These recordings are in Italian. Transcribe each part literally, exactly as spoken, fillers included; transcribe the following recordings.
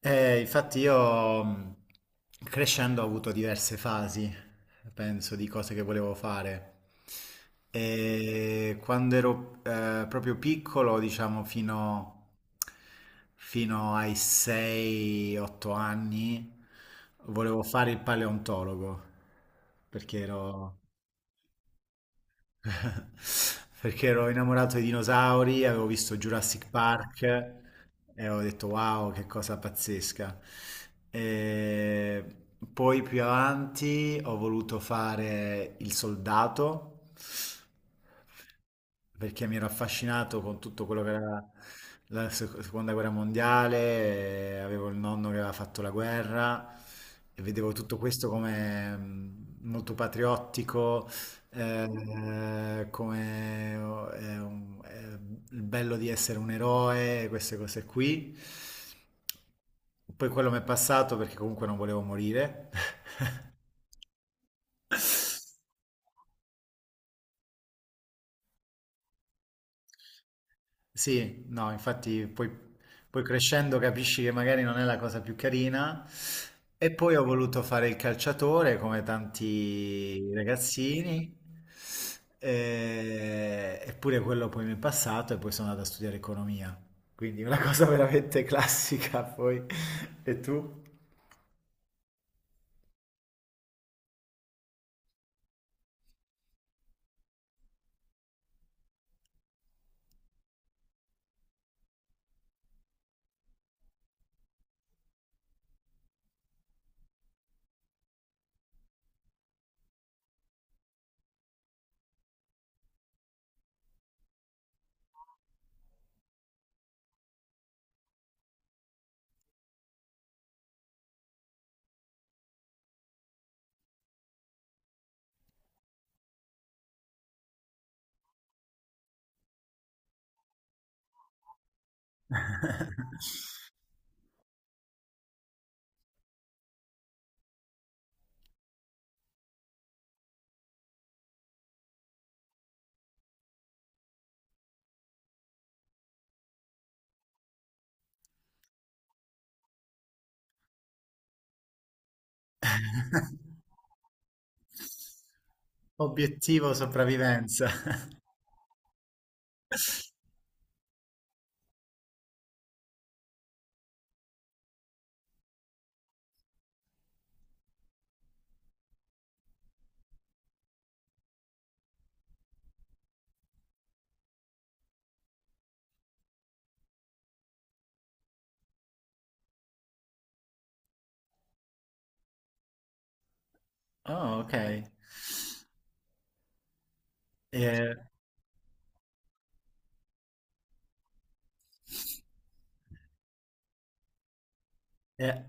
Eh, infatti io mh, crescendo ho avuto diverse fasi, penso, di cose che volevo fare. E quando ero eh, proprio piccolo, diciamo fino, fino ai sei otto anni, volevo fare il paleontologo, perché ero... Perché ero innamorato dei dinosauri, avevo visto Jurassic Park e ho detto wow, che cosa pazzesca. E poi più avanti ho voluto fare il soldato perché mi ero affascinato con tutto quello che era la sec- seconda guerra mondiale. Eh, avevo il nonno che aveva fatto la guerra e vedevo tutto questo come mh, molto patriottico, eh, come eh, un- eh, il bello di essere un eroe, queste cose qui. Poi quello mi è passato perché comunque non volevo morire. Sì, no, infatti poi, poi crescendo capisci che magari non è la cosa più carina. E poi ho voluto fare il calciatore come tanti ragazzini. E- eppure quello poi mi è passato e poi sono andato a studiare economia. Quindi una cosa veramente classica poi. E tu? Obiettivo sopravvivenza. Oh, ok. E, e-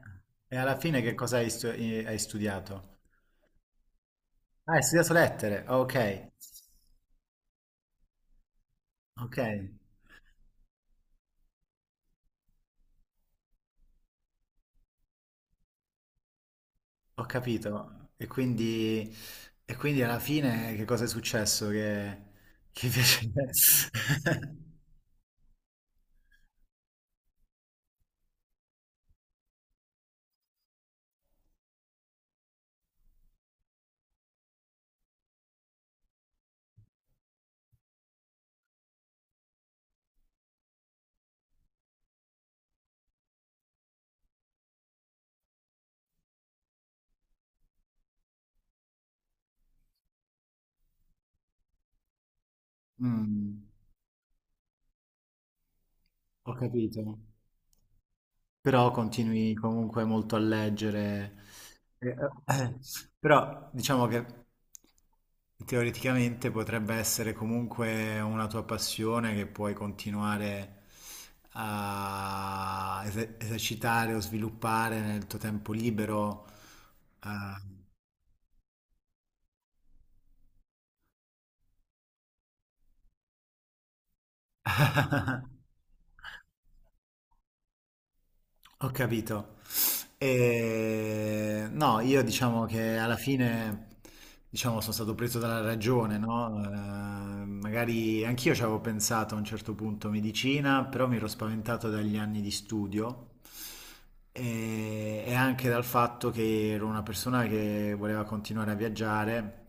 e alla fine che cosa hai stu- hai studiato? Ah, hai studiato lettere, ok, ok, ho capito. E quindi, e quindi alla fine che cosa è successo? Che, che invece... Mm, ho capito. Però continui comunque molto a leggere. Eh, eh, Però diciamo che teoreticamente potrebbe essere comunque una tua passione che puoi continuare a ese- esercitare o sviluppare nel tuo tempo libero. Eh. Ho capito. E no, io diciamo che alla fine diciamo, sono stato preso dalla ragione, no? Eh, magari anch'io ci avevo pensato a un certo punto medicina, però mi ero spaventato dagli anni di studio e, e anche dal fatto che ero una persona che voleva continuare a viaggiare.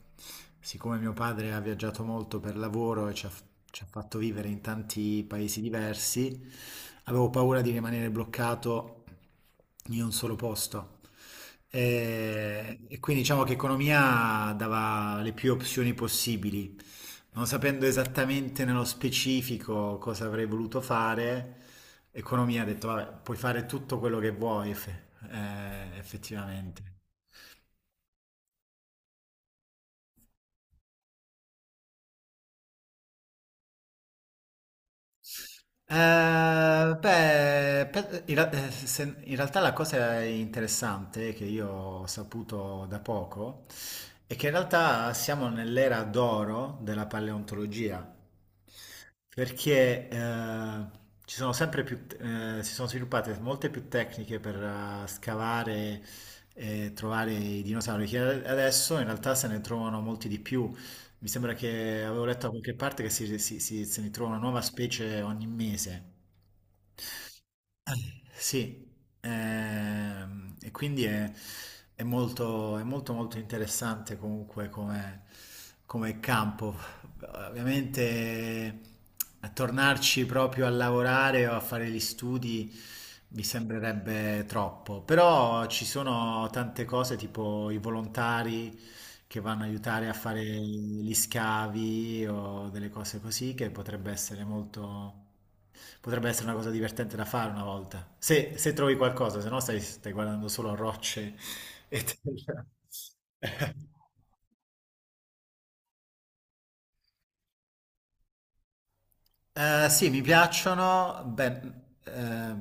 Siccome mio padre ha viaggiato molto per lavoro e ci ha, ci ha fatto vivere in tanti paesi diversi, avevo paura di rimanere bloccato in un solo posto. E, e quindi diciamo che economia dava le più opzioni possibili. Non sapendo esattamente nello specifico cosa avrei voluto fare, economia ha detto, vabbè, puoi fare tutto quello che vuoi, eff- eh, effettivamente. Eh, beh, per- in, ra- eh, se- in realtà la cosa interessante che io ho saputo da poco è che in realtà siamo nell'era d'oro della paleontologia, perché eh, ci sono sempre più, te- eh, si sono sviluppate molte più tecniche per eh, scavare e trovare i dinosauri, che adesso in realtà se ne trovano molti di più. Mi sembra che avevo letto da qualche parte che si, si- si- se ne trova una nuova specie ogni mese. Sì, ehm, e quindi è, è molto, è molto molto interessante comunque come, come campo. Ovviamente a tornarci proprio a lavorare o a fare gli studi mi sembrerebbe troppo, però ci sono tante cose tipo i volontari che vanno a aiutare a fare gli scavi o delle cose così, che potrebbe essere molto... potrebbe essere una cosa divertente da fare una volta. Se, se trovi qualcosa, se no stai, stai guardando solo rocce e terra. Eh sì, mi piacciono. Beh, eh,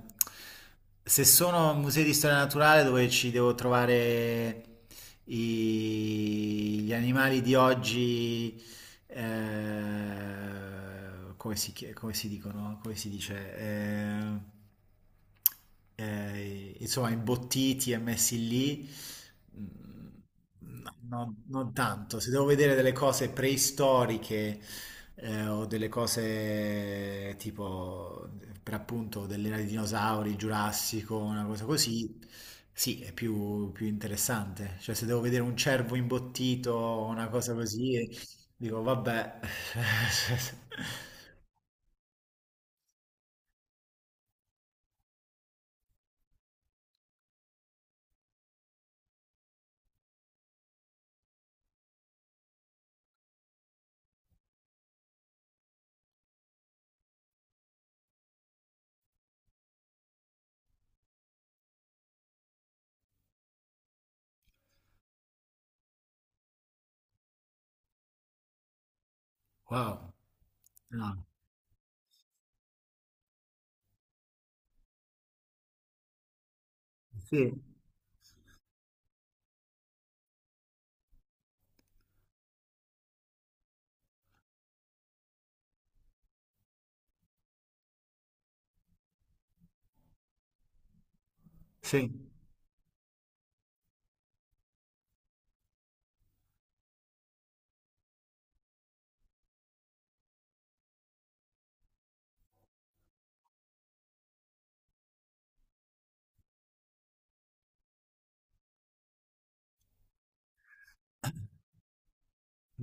se sono musei di storia naturale dove ci devo trovare i- gli animali di oggi eh, come si, chie- come si dicono, come si dice, eh, eh, insomma, imbottiti e messi lì, mm, no, non non tanto. Se devo vedere delle cose preistoriche eh, o delle cose tipo, per appunto, dell'era dei dinosauri, il Giurassico, una cosa così, sì, è più, più interessante. Cioè, se devo vedere un cervo imbottito o una cosa così, dico, vabbè. Wow. No. Sì, sì.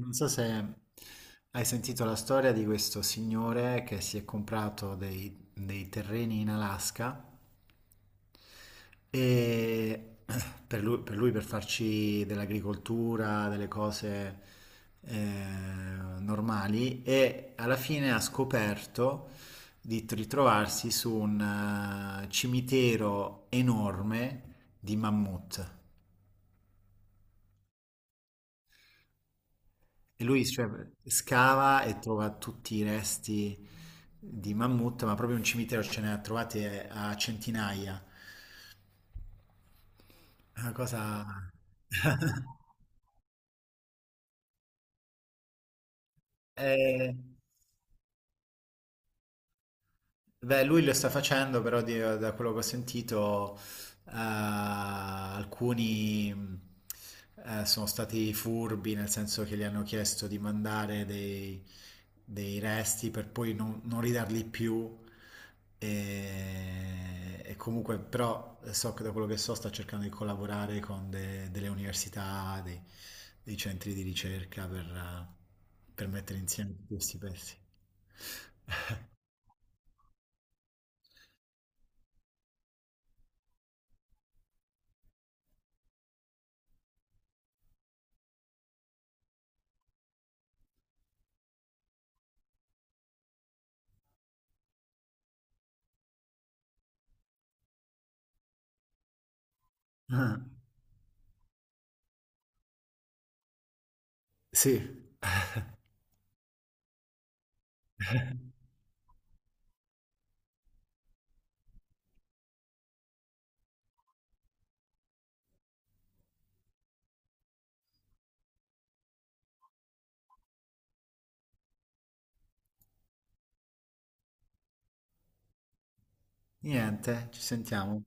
Non so se hai sentito la storia di questo signore che si è comprato dei, dei terreni in Alaska e per lui, per lui per farci dell'agricoltura, delle cose eh, normali e alla fine ha scoperto di t- ritrovarsi su un eh, cimitero enorme di mammut. E lui cioè, scava e trova tutti i resti di mammut, ma proprio un cimitero ce ne ha trovati eh, a centinaia. Una cosa... Eh, beh, lui lo sta facendo, però di- da quello che ho sentito, eh, alcuni mh, eh, sono stati furbi, nel senso che gli hanno chiesto di mandare dei, dei resti per poi non, non ridarli più. E, e comunque, però, so che da quello che so sta cercando di collaborare con de- delle università, dei, dei centri di ricerca per, eh, per mettere insieme questi pezzi. Ah, sì. Niente, ci sentiamo.